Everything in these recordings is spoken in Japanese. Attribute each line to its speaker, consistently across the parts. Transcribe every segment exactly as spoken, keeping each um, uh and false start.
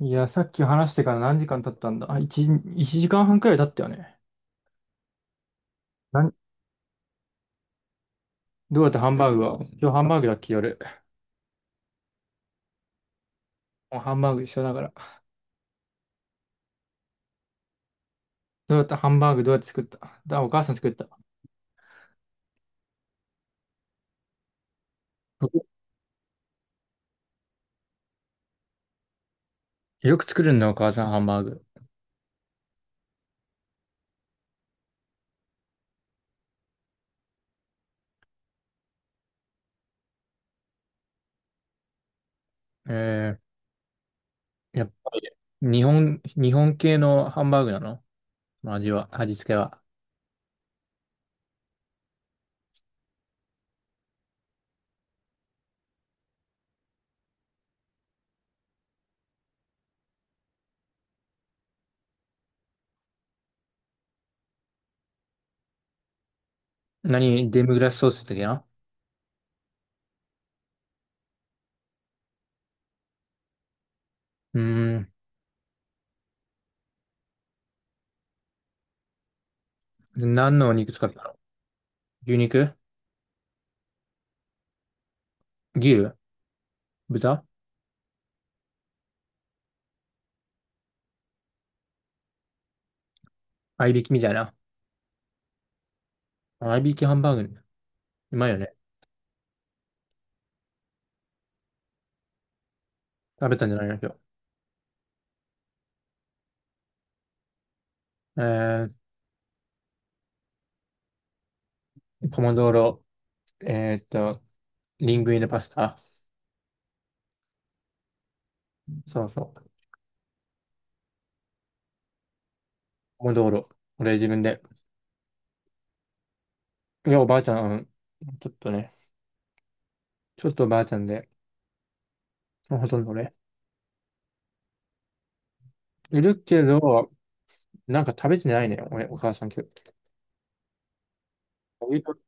Speaker 1: いや、さっき話してから何時間経ったんだ、あ、いち、一時間半くらい経ったよね。なんどうやってハンバーグは、今日ハンバーグだっけ、夜？もうハンバーグ一緒だから。どうやってハンバーグどうやって作った？だ、お母さん作った。よく作るんだ、お母さんハンバーグ？えー、やっぱり、日本、日本系のハンバーグなの、味は、味付けは？何、デミグラスソースだっけな。うーん、何のお肉使ったの？牛肉、牛、豚、合いびきみたいな。合いびきハンバーグ。うまいよね。食べたんじゃないの今日？えーポモドーロ、えーっと、リングイネパスタ。そうそう。ポモドーロ。俺自分で。いや、おばあちゃん、ちょっとね、ちょっとおばあちゃんで、ほとんど俺。いるけど、なんか食べてないね、俺、お母さん今日。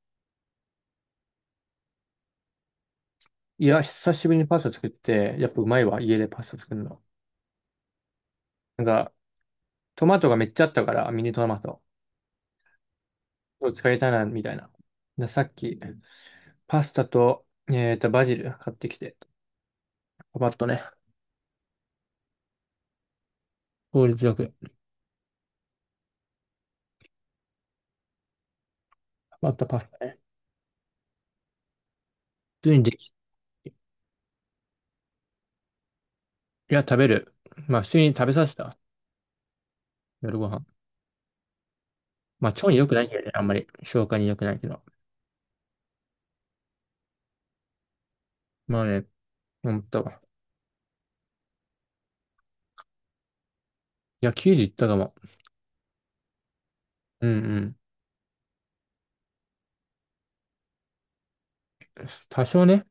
Speaker 1: いや、久しぶりにパスタ作って、やっぱうまいわ、家でパスタ作るの。なんか、トマトがめっちゃあったから、ミニトマト。今日使いたいな、みたいな。で、さっき、パスタと、えーっと、バジル買ってきて、パパッとね、効率よく、パパッとパスタね。普通にできいや、食べる。まあ、普通に食べさせた。夜ご飯。まあ、腸に良くないけどね、あんまり。消化に良くないけど。まあね、思っんと。いや、くじいったかも。うんうん。多少ね。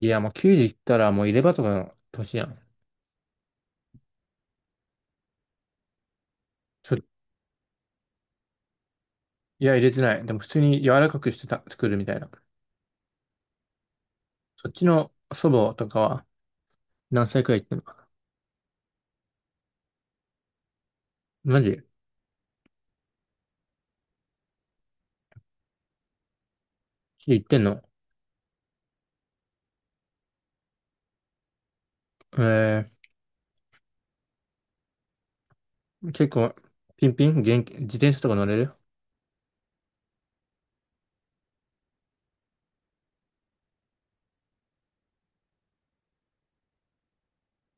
Speaker 1: いや、もうくじいったらもう入れ歯とかの年やん。ちょ、いや、入れてない。でも普通に柔らかくしてた、作るみたいな。そっちの祖母とかは何歳くらい行ってんの？マジ言ってんの？えー、結構、ピンピン元気、自転車とか乗れる？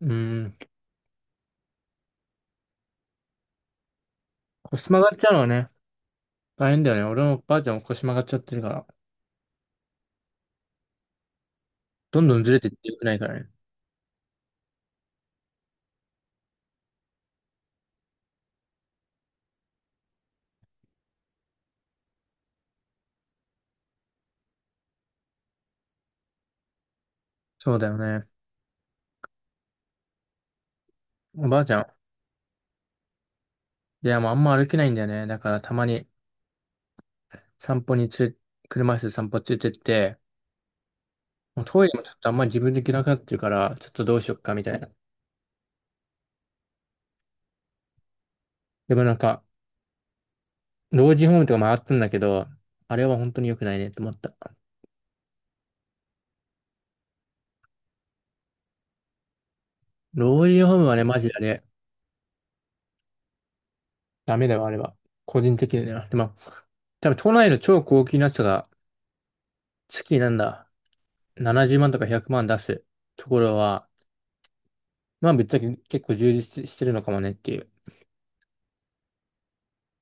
Speaker 1: うーん。腰曲がっちゃうのはね、大変だよね。俺もばあちゃんも腰曲がっちゃってるから。どんどんずれてってよくないからね。そうだよね。おばあちゃん。いや、もうあんま歩けないんだよね。だからたまに散歩につれ、車椅子で散歩つれてって、もうトイレもちょっとあんまり自分で行けなくなってるから、ちょっとどうしよっかみたいな。でもなんか、老人ホームとか回ったんだけど、あれは本当に良くないねと思った。老人ホームはね、マジであれ、ダメだよ、あれは。個人的には。でも、多分都内の超高級なやつが、月なんだ、ななじゅうまんとかひゃくまん出すところは、まあぶっちゃけ結構充実してるのかもねっていう。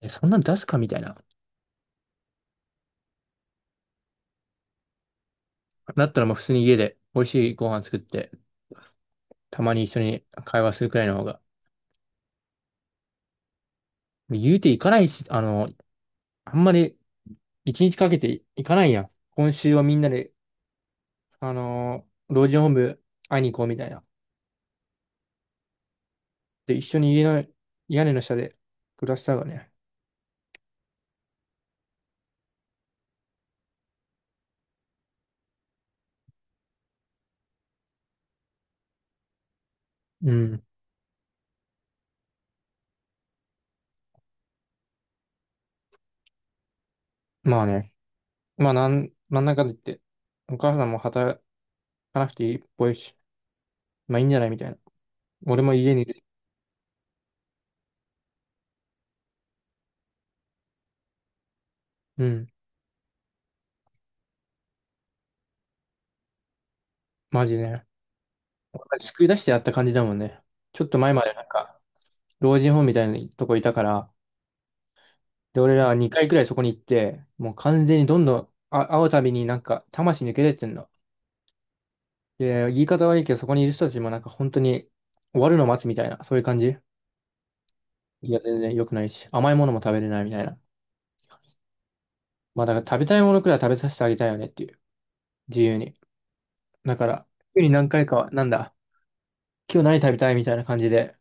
Speaker 1: え、そんなん出すかみたいな。だったらもう普通に家で美味しいご飯作って、たまに一緒に会話するくらいの方が。言うて行かないし、あの、あんまり一日かけて行かないやん。今週はみんなで、あの老人ホーム会いに行こうみたいな。で、一緒に家の、屋根の下で暮らした方がね。うん。まあね。まあ、なん、なんだかんだ言って、お母さんも働かなくていいっぽいし、まあいいんじゃないみたいな。俺も家にいる。うん。マジで。救い出してやった感じだもんね。ちょっと前までなんか、老人ホームみたいなとこいたから、で、俺らはにかいくらいそこに行って、もう完全にどんどん、あ、会うたびになんか、魂抜け出てんの。で、言い方悪いけど、そこにいる人たちもなんか本当に終わるのを待つみたいな、そういう感じ。いや、全然良くないし、甘いものも食べれないみたいな。まあ、だから食べたいものくらい食べさせてあげたいよねっていう、自由に。だから、週に何回かは、なんだ、今日何食べたいみたいな感じで、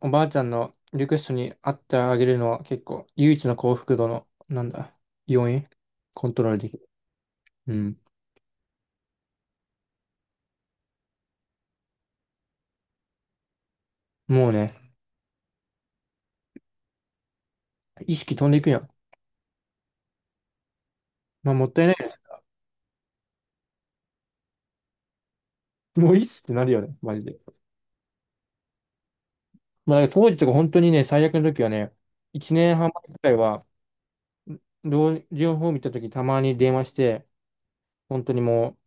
Speaker 1: お、おばあちゃんのリクエストに合ってあげるのは結構唯一の幸福度の、なんだ、要因コントロールできる。うん。もうね、意識飛んでいくやん。まあもったいないね。もういいっすってなるよね、マジで。まあだから当時とか本当にね、最悪の時はね、いちねんはん前くらいは、老人ホーム行った時たまに電話して、本当にも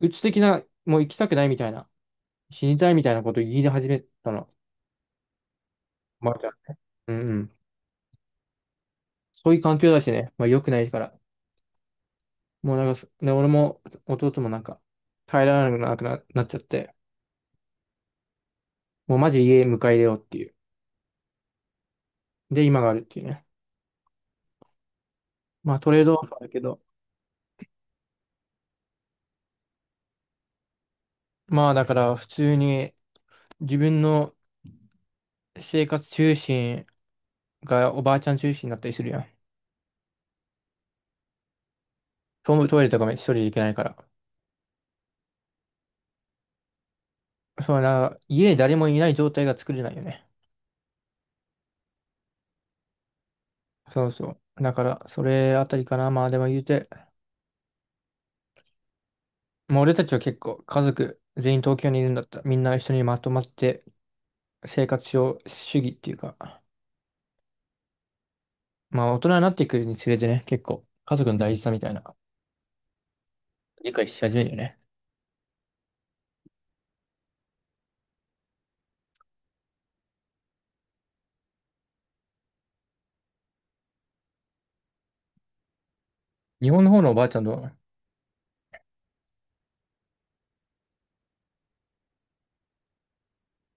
Speaker 1: う、鬱的な、もう行きたくないみたいな、死にたいみたいなことを言い出始めたの。おばあちゃん。うんうん。そういう環境だしね、まあ良くないから。もうなんかで、俺も弟もなんか、耐えられなくな、なっちゃって、もうマジ家迎え入れようっていう。で、今があるっていうね。まあトレードオフはあるけど、まあだから普通に自分の生活中心がおばあちゃん中心になったりするやん。トトイレとかも一人で行けないから。そうな、家に誰もいない状態が作れないよね。そうそう。だから、それあたりかな。まあでも言うて、もう俺たちは結構家族全員東京にいるんだった。みんな一緒にまとまって生活を主義っていうか。まあ、大人になっていくにつれてね、結構、家族の大事さみたいな、理解し始めるよね。日本の方のおばあちゃんと、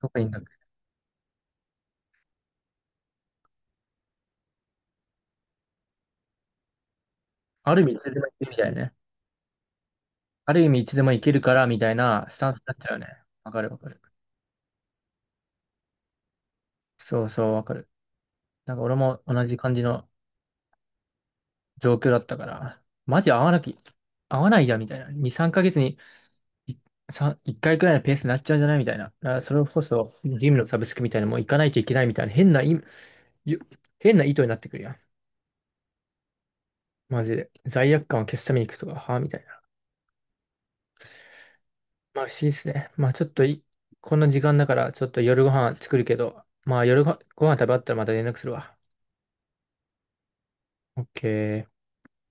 Speaker 1: 特になんか、ある意味いつでも行けるみたいなね。ある意味いつでも行けるから、みたいなスタンスになっちゃうよね。わかるわかる。そうそう、わかる。なんか俺も同じ感じの状況だったから、マジ合わなき、合わないじゃん、みたいな。に、さんかげつにいさいっかいくらいのペースになっちゃうんじゃないみたいな。だからそれこそ、ジムのサブスクみたいなのも行かないといけないみたいな、変な意、ゆ変な意図になってくるやん。マジで。罪悪感を消すために行くとか、はあみたいな。まあ不思議ですね。まあちょっとい、こんな時間だから、ちょっと夜ご飯作るけど、まあ夜ご、ご飯食べ終わったらまた連絡するわ。オッケー。